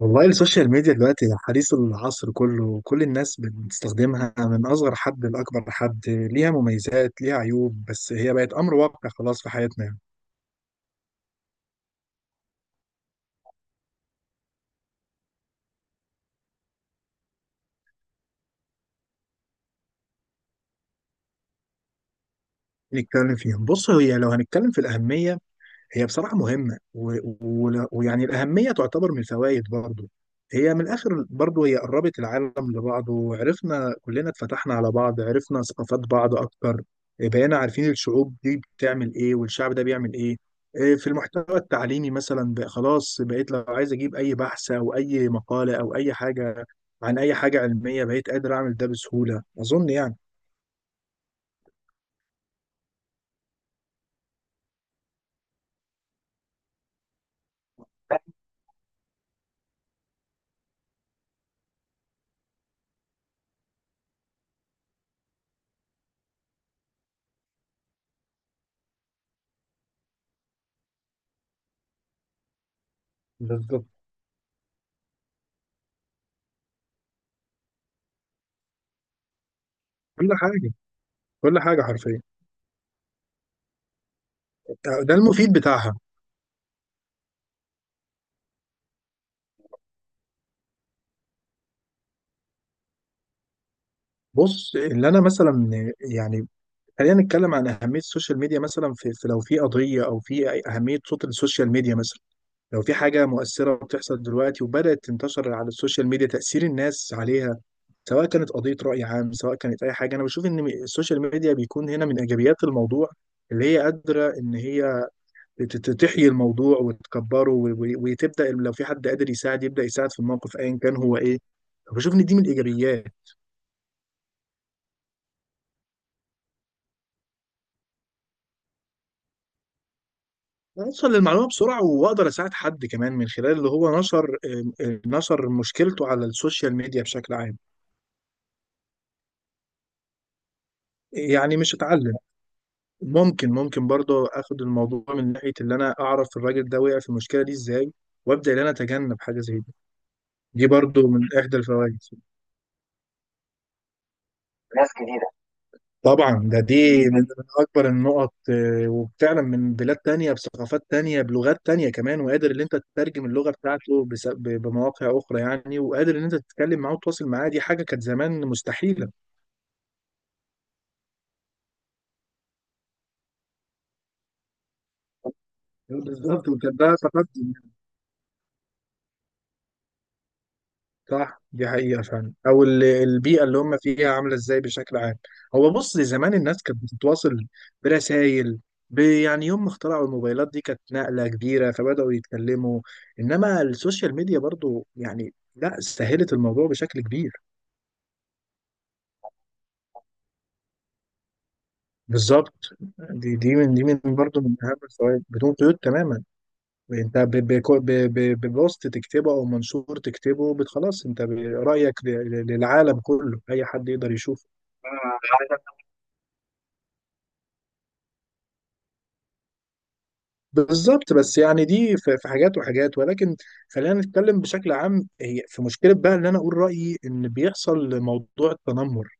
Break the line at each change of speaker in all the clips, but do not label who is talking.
والله السوشيال ميديا دلوقتي حديث العصر كله، كل الناس بتستخدمها من أصغر حد لأكبر حد، ليها مميزات ليها عيوب، بس هي بقت أمر واقع خلاص في حياتنا يعني. نتكلم فيها، بص هي لو هنتكلم في الأهمية، هي بصراحة مهمة و... و... ويعني الأهمية تعتبر من الفوائد برضو. هي من الآخر برضو هي قربت العالم لبعضه، وعرفنا كلنا، اتفتحنا على بعض، عرفنا ثقافات بعض أكتر، بقينا عارفين الشعوب دي بتعمل إيه والشعب ده بيعمل إيه. إيه في المحتوى التعليمي مثلا بقى، خلاص بقيت لو عايز أجيب أي بحث أو أي مقالة أو أي حاجة عن أي حاجة علمية بقيت قادر أعمل ده بسهولة، أظن يعني. بالظبط كل حاجة، كل حاجة حرفيا، ده المفيد بتاعها. بص اللي انا مثلا يعني، خلينا نتكلم عن اهميه السوشيال ميديا مثلا، لو في قضيه اهميه صوت السوشيال ميديا مثلا. لو في حاجه مؤثره بتحصل دلوقتي وبدات تنتشر على السوشيال ميديا، تاثير الناس عليها سواء كانت قضيه راي عام سواء كانت اي حاجه، انا بشوف ان السوشيال ميديا بيكون هنا من ايجابيات الموضوع، اللي هي قادره ان هي تحيي الموضوع وتكبره وتبدا، لو في حد قادر يساعد يبدا يساعد في الموقف ايا كان هو ايه. بشوف ان دي من الايجابيات. اوصل للمعلومه بسرعه، واقدر اساعد حد كمان من خلال اللي هو نشر، نشر مشكلته على السوشيال ميديا بشكل عام. يعني مش اتعلم، ممكن برضه اخد الموضوع من ناحيه اللي انا اعرف الراجل ده وقع في المشكله دي ازاي، وابدا ان انا اتجنب حاجه زي دي. دي برضه من احدى الفوائد. طبعا دي من اكبر النقط، وفعلا من بلاد تانية بثقافات تانية بلغات تانية كمان، وقادر ان انت تترجم اللغة بتاعته بمواقع اخرى يعني، وقادر ان انت تتكلم معاه وتتواصل معاه، دي حاجة كانت زمان مستحيلة. بالظبط وكان ده تقدم. صح دي حقيقة فعلا، أو البيئة اللي هم فيها عاملة إزاي بشكل عام. هو بص زمان الناس كانت بتتواصل برسائل، يعني يوم ما اخترعوا الموبايلات دي كانت نقلة كبيرة فبدأوا يتكلموا، إنما السوشيال ميديا برضو يعني لا سهلت الموضوع بشكل كبير. بالظبط، دي من برضو من أهم الفوائد، بدون قيود تماما. أنت ببوست تكتبه أو منشور تكتبه خلاص أنت رأيك للعالم كله، أي حد يقدر يشوفه. بالظبط، بس يعني دي في في حاجات وحاجات، ولكن خلينا نتكلم بشكل عام. هي في مشكله بقى ان انا اقول رايي، ان بيحصل موضوع التنمر.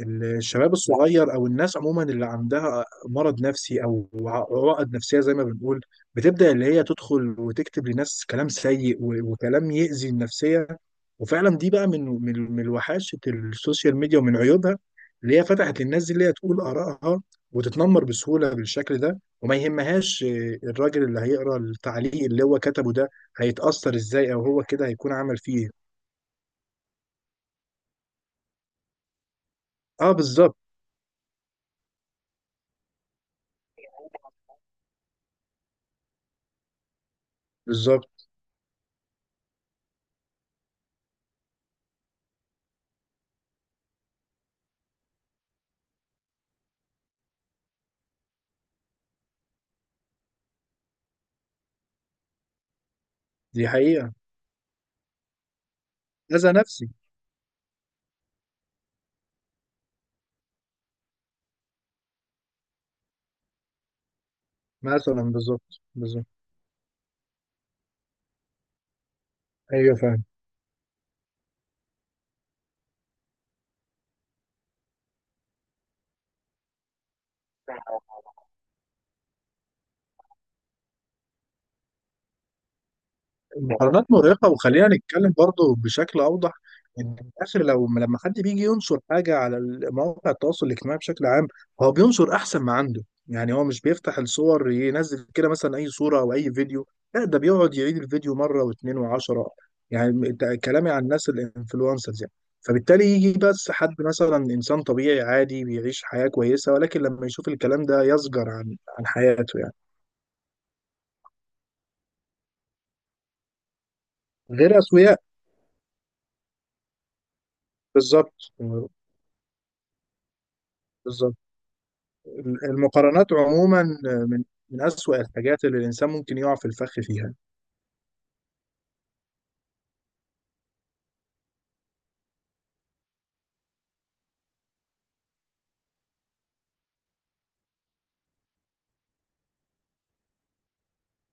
الشباب الصغير او الناس عموما اللي عندها مرض نفسي او عقد نفسيه زي ما بنقول، بتبدا اللي هي تدخل وتكتب لناس كلام سيء، وكلام يؤذي النفسيه. وفعلا دي بقى من وحاشه السوشيال ميديا ومن عيوبها، اللي هي فتحت للناس دي اللي هي تقول ارائها وتتنمر بسهوله بالشكل ده، وما يهمهاش الراجل اللي هيقرا التعليق اللي هو كتبه ده هيتاثر ازاي، او هو كده هيكون عمل فيه إيه. اه بالظبط. بالظبط. دي حقيقه، اذى نفسي. مثلا بالظبط بالظبط. ايوه فاهم. المقارنات مرهقة، وخلينا نتكلم برضو بشكل أوضح، إن في الآخر لو لما حد بيجي ينشر حاجة على مواقع التواصل الاجتماعي بشكل عام، هو بينشر أحسن ما عنده. يعني هو مش بيفتح الصور ينزل كده مثلا أي صورة أو أي فيديو، لا ده بيقعد يعيد الفيديو مرة واتنين وعشرة. يعني ده كلامي عن الناس الانفلونسرز يعني. فبالتالي يجي بس حد مثلا إنسان طبيعي عادي بيعيش حياة كويسة، ولكن لما يشوف الكلام ده يزجر عن حياته يعني، غير أسوياء. بالظبط بالظبط. المقارنات عموما من من أسوأ الحاجات اللي الإنسان ممكن يقع في الفخ فيها.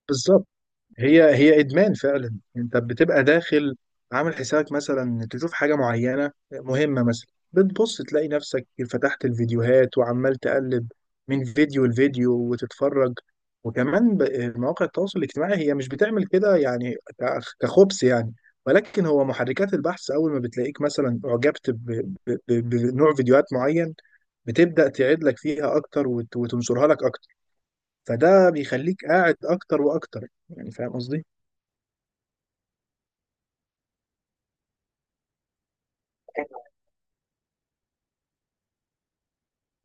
بالظبط، هي ادمان فعلا. انت بتبقى داخل عامل حسابك مثلا تشوف حاجه معينه مهمه مثلا، بتبص تلاقي نفسك فتحت الفيديوهات وعمال تقلب من فيديو لفيديو وتتفرج. وكمان مواقع التواصل الاجتماعي هي مش بتعمل كده يعني كخبث يعني، ولكن هو محركات البحث اول ما بتلاقيك مثلا اعجبت بنوع فيديوهات معين، بتبدأ تعيد لك فيها اكتر وتنشرها لك اكتر، فده بيخليك قاعد اكتر واكتر، يعني فاهم قصدي.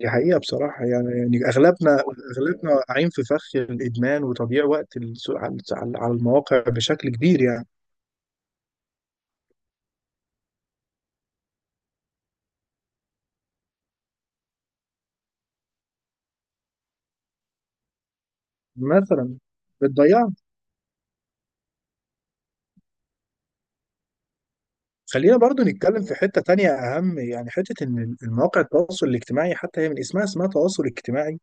دي حقيقة بصراحة يعني، يعني أغلبنا، أغلبنا واقعين في فخ الإدمان وتضييع وقت على المواقع بشكل كبير يعني. مثلا بتضيع. خلينا برضو نتكلم في حتة تانية أهم، يعني حتة إن المواقع التواصل الاجتماعي حتى هي من اسمها اسمها تواصل اجتماعي،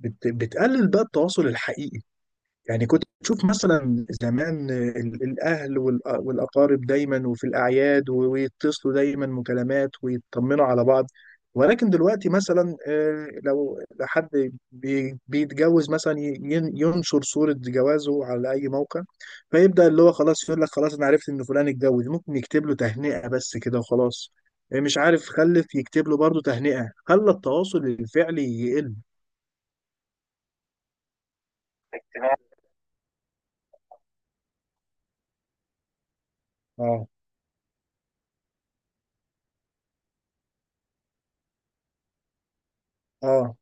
بتقلل بقى التواصل الحقيقي. يعني كنت تشوف مثلا زمان الأهل والأقارب دايما وفي الأعياد ويتصلوا دايما مكالمات ويطمنوا على بعض، ولكن دلوقتي مثلا لو حد بيتجوز مثلا ينشر صورة جوازه على أي موقع، فيبدأ اللي هو خلاص يقول لك خلاص أنا عرفت إن فلان اتجوز، ممكن يكتب له تهنئة بس كده وخلاص. مش عارف خلف يكتب له برضه تهنئة، خلى التواصل الفعلي يقل. اه. اه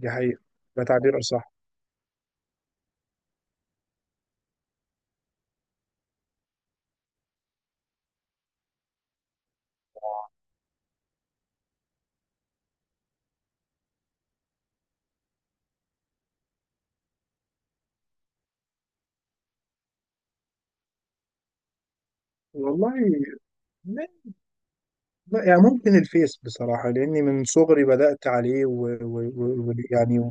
دي حقيقة، ده تعبير أصح. والله لا، لا، يعني ممكن الفيس بصراحة، لأني من صغري بدأت عليه ويعني يعني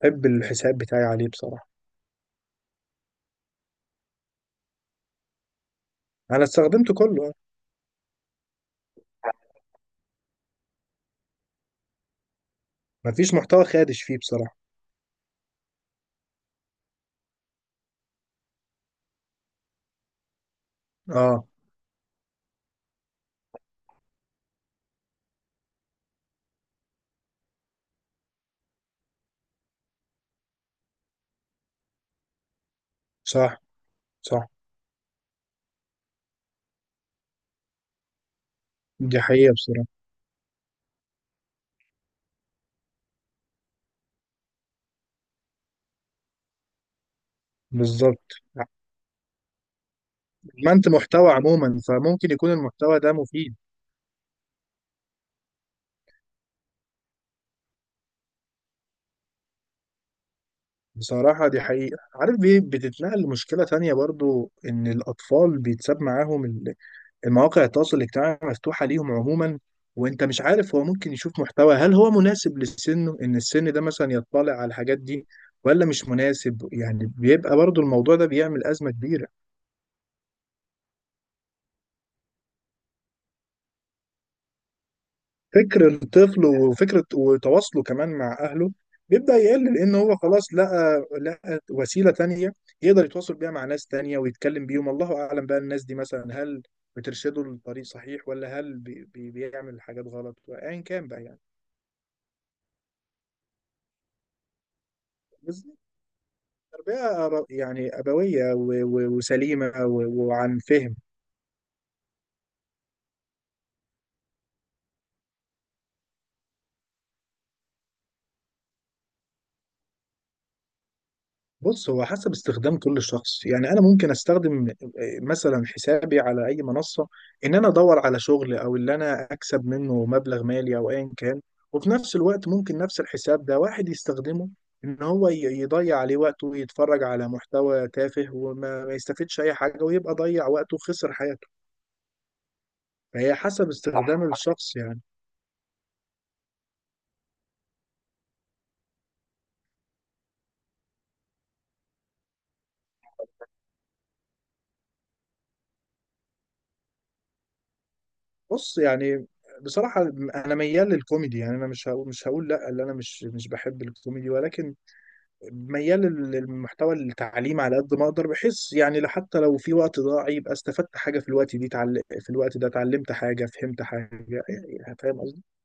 بحب الحساب بتاعي عليه بصراحة. أنا استخدمته كله. مفيش محتوى خادش فيه بصراحة. آه. صح صح، دي حقيقة بصراحة. بالظبط، ما أنت محتوى عموما، فممكن يكون المحتوى ده مفيد. بصراحة دي حقيقة، عارف بيه بتتنقل لمشكلة تانية برضو، إن الأطفال بيتساب معاهم المواقع التواصل الاجتماعي مفتوحة ليهم عموما، وانت مش عارف هو ممكن يشوف محتوى، هل هو مناسب لسنه ان السن ده مثلا يطلع على الحاجات دي ولا مش مناسب. يعني بيبقى برضو الموضوع ده بيعمل أزمة كبيرة. فكر الطفل وفكرة وتواصله كمان مع أهله بيبدأ يقل، لأن هو خلاص لقى وسيلة تانية يقدر يتواصل بيها مع ناس تانية ويتكلم بيهم، الله أعلم بقى الناس دي مثلا، هل بترشده لطريق صحيح، ولا هل بيعمل حاجات غلط، وأيا كان بقى. يعني تربية يعني أبوية وسليمة وعن فهم. بص هو حسب استخدام كل شخص يعني. أنا ممكن أستخدم مثلا حسابي على أي منصة إن أنا أدور على شغل، أو اللي أنا أكسب منه مبلغ مالي أو أيا كان، وفي نفس الوقت ممكن نفس الحساب ده واحد يستخدمه إن هو يضيع عليه وقته ويتفرج على محتوى تافه، وما ما يستفيدش أي حاجة، ويبقى ضيع وقته وخسر حياته. فهي حسب استخدام صح الشخص يعني. بص يعني، بصراحة أنا ميال للكوميدي. يعني أنا مش هقول لأ اللي أنا مش بحب الكوميدي، ولكن ميال للمحتوى التعليمي على قد ما أقدر. بحس يعني حتى لو في وقت ضاع يبقى استفدت حاجة، في الوقت دي في الوقت ده اتعلمت حاجة فهمت حاجة، يعني فاهم.